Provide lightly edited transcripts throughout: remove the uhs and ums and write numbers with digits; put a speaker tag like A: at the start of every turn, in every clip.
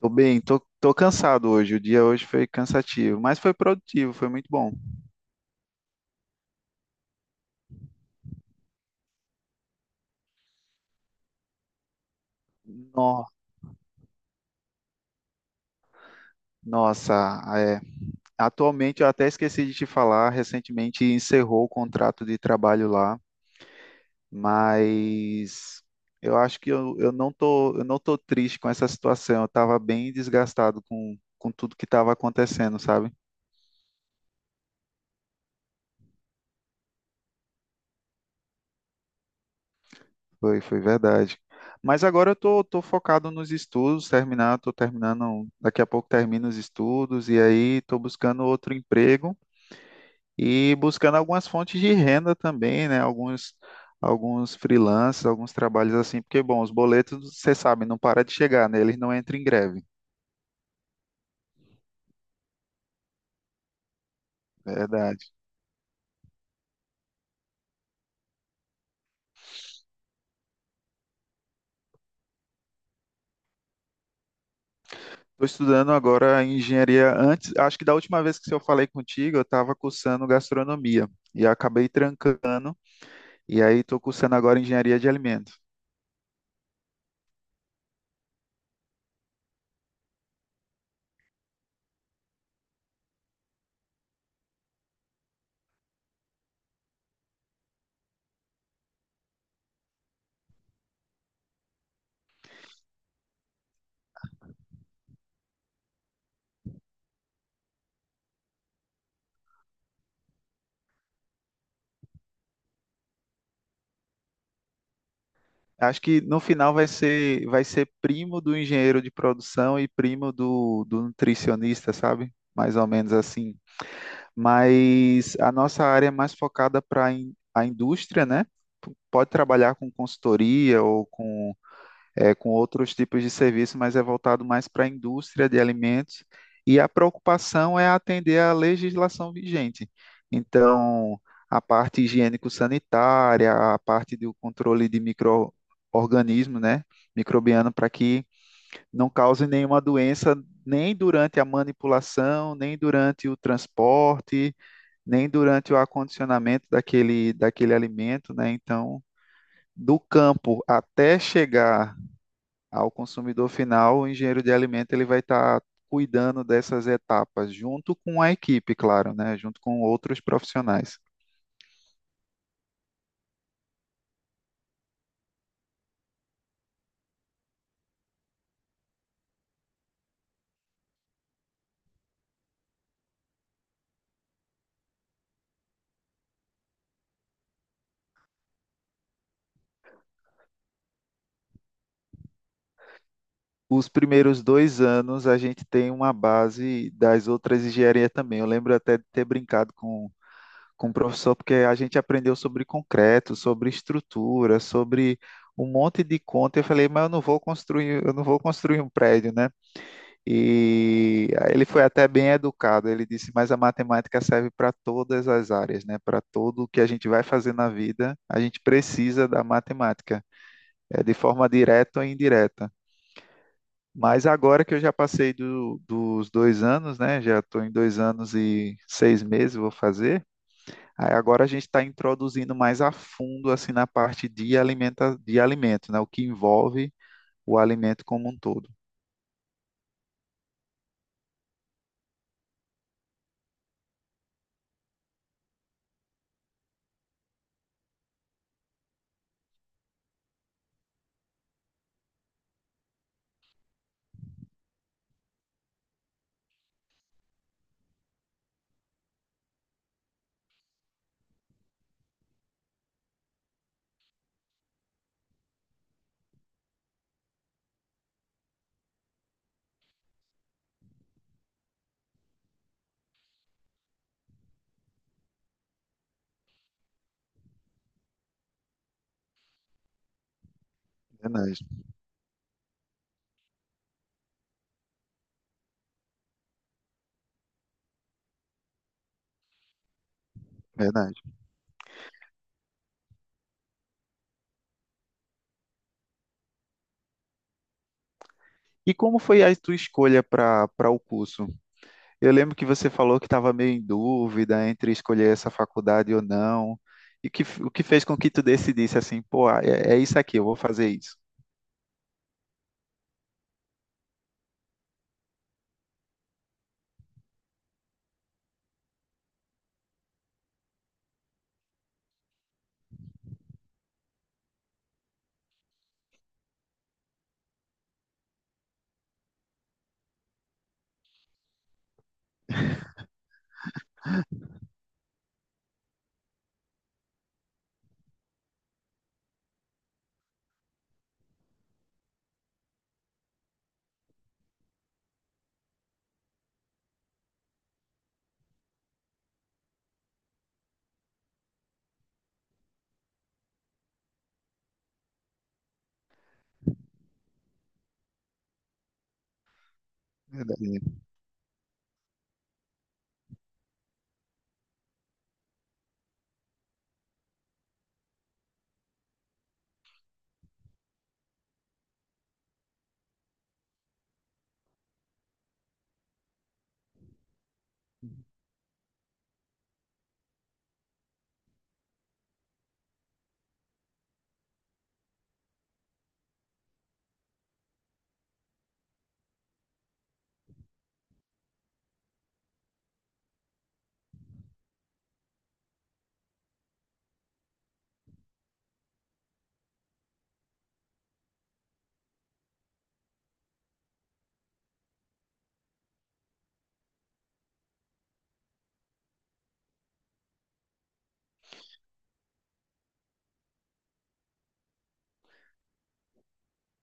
A: Tô bem, tô cansado hoje. O dia hoje foi cansativo, mas foi produtivo, foi muito bom. No- Nossa, é. Atualmente eu até esqueci de te falar, recentemente encerrou o contrato de trabalho lá, mas eu acho que eu não tô, eu não tô triste com essa situação. Eu tava bem desgastado com tudo que estava acontecendo, sabe? Foi verdade. Mas agora eu tô focado nos estudos, tô terminando, daqui a pouco termino os estudos e aí tô buscando outro emprego e buscando algumas fontes de renda também, né? Alguns freelancers, alguns trabalhos assim, porque, bom, os boletos, você sabe, não para de chegar, né? Eles não entram em greve, verdade. Estou estudando agora engenharia. Antes, acho que da última vez que eu falei contigo, eu estava cursando gastronomia e acabei trancando, e aí estou cursando agora engenharia de alimentos. Acho que no final vai ser primo do engenheiro de produção e primo do nutricionista, sabe? Mais ou menos assim. Mas a nossa área é mais focada para a indústria, né? Pode trabalhar com consultoria ou com com outros tipos de serviço, mas é voltado mais para a indústria de alimentos. E a preocupação é atender à legislação vigente. Então, a parte higiênico-sanitária, a parte do controle de micro-organismo, né, microbiano, para que não cause nenhuma doença nem durante a manipulação, nem durante o transporte, nem durante o acondicionamento daquele alimento, né? Então, do campo até chegar ao consumidor final, o engenheiro de alimento ele vai estar cuidando dessas etapas, junto com a equipe, claro, né? Junto com outros profissionais. Os primeiros 2 anos a gente tem uma base das outras engenharias também. Eu lembro até de ter brincado com o professor, porque a gente aprendeu sobre concreto, sobre estrutura, sobre um monte de conta. Eu falei, mas eu não vou construir, eu não vou construir um prédio, né? E ele foi até bem educado. Ele disse: mas a matemática serve para todas as áreas, né? Para tudo que a gente vai fazer na vida, a gente precisa da matemática, é, de forma direta ou indireta. Mas agora que eu já passei dos 2 anos, né? Já estou em 2 anos e 6 meses, vou fazer. Aí agora a gente está introduzindo mais a fundo, assim, na parte de alimenta, de alimento, né? O que envolve o alimento como um todo. Verdade, verdade. E como foi a tua escolha para o curso? Eu lembro que você falou que estava meio em dúvida entre escolher essa faculdade ou não. E que, o que fez com que tu decidisse assim, pô, ah, é isso aqui, eu vou fazer isso. Verdade.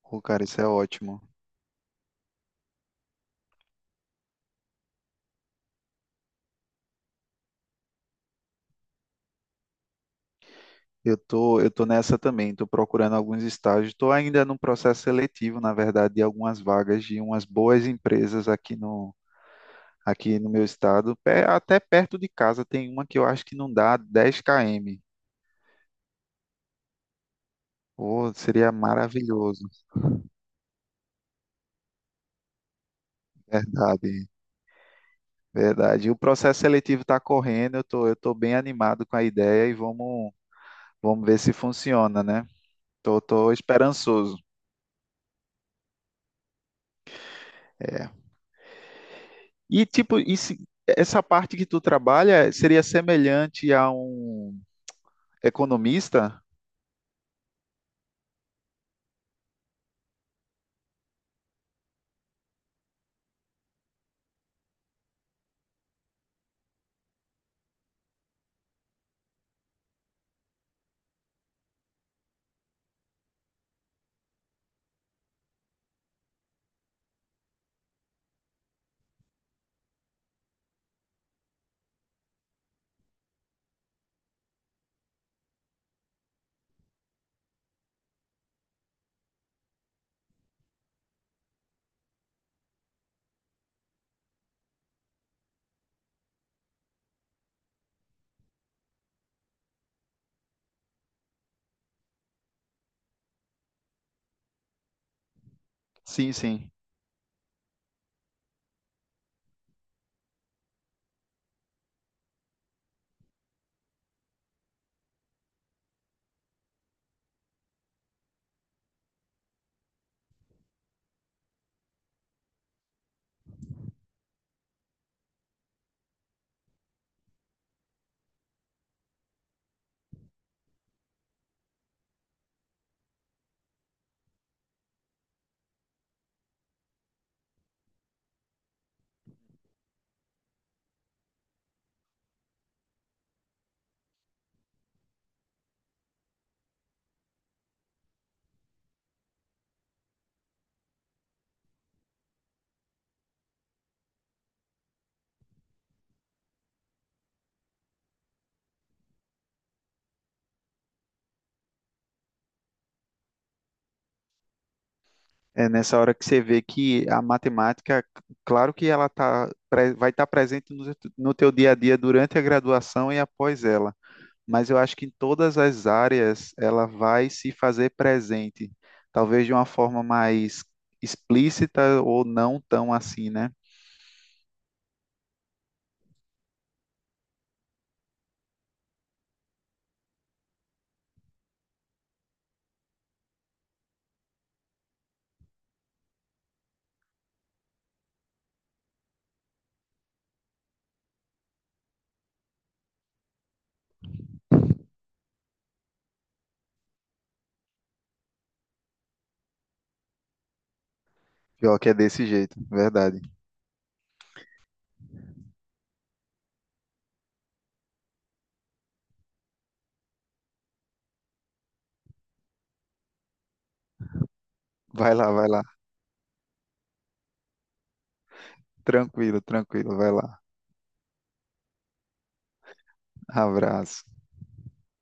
A: Pô, cara, isso é ótimo. Eu tô nessa também, tô procurando alguns estágios, tô ainda num processo seletivo, na verdade, de algumas vagas de umas boas empresas aqui aqui no meu estado, até perto de casa tem uma que eu acho que não dá 10 km. Pô, seria maravilhoso. Verdade, verdade. E o processo seletivo está correndo, eu tô bem animado com a ideia e vamos ver se funciona, né? Tô esperançoso. É. E tipo, e essa parte que tu trabalha seria semelhante a um economista? Sim, sim. É nessa hora que você vê que a matemática, claro que ela vai estar presente no teu dia a dia durante a graduação e após ela. Mas eu acho que em todas as áreas ela vai se fazer presente, talvez de uma forma mais explícita ou não tão assim, né? Pior que é desse jeito, verdade. Vai lá, vai lá. Tranquilo, tranquilo, vai lá. Abraço.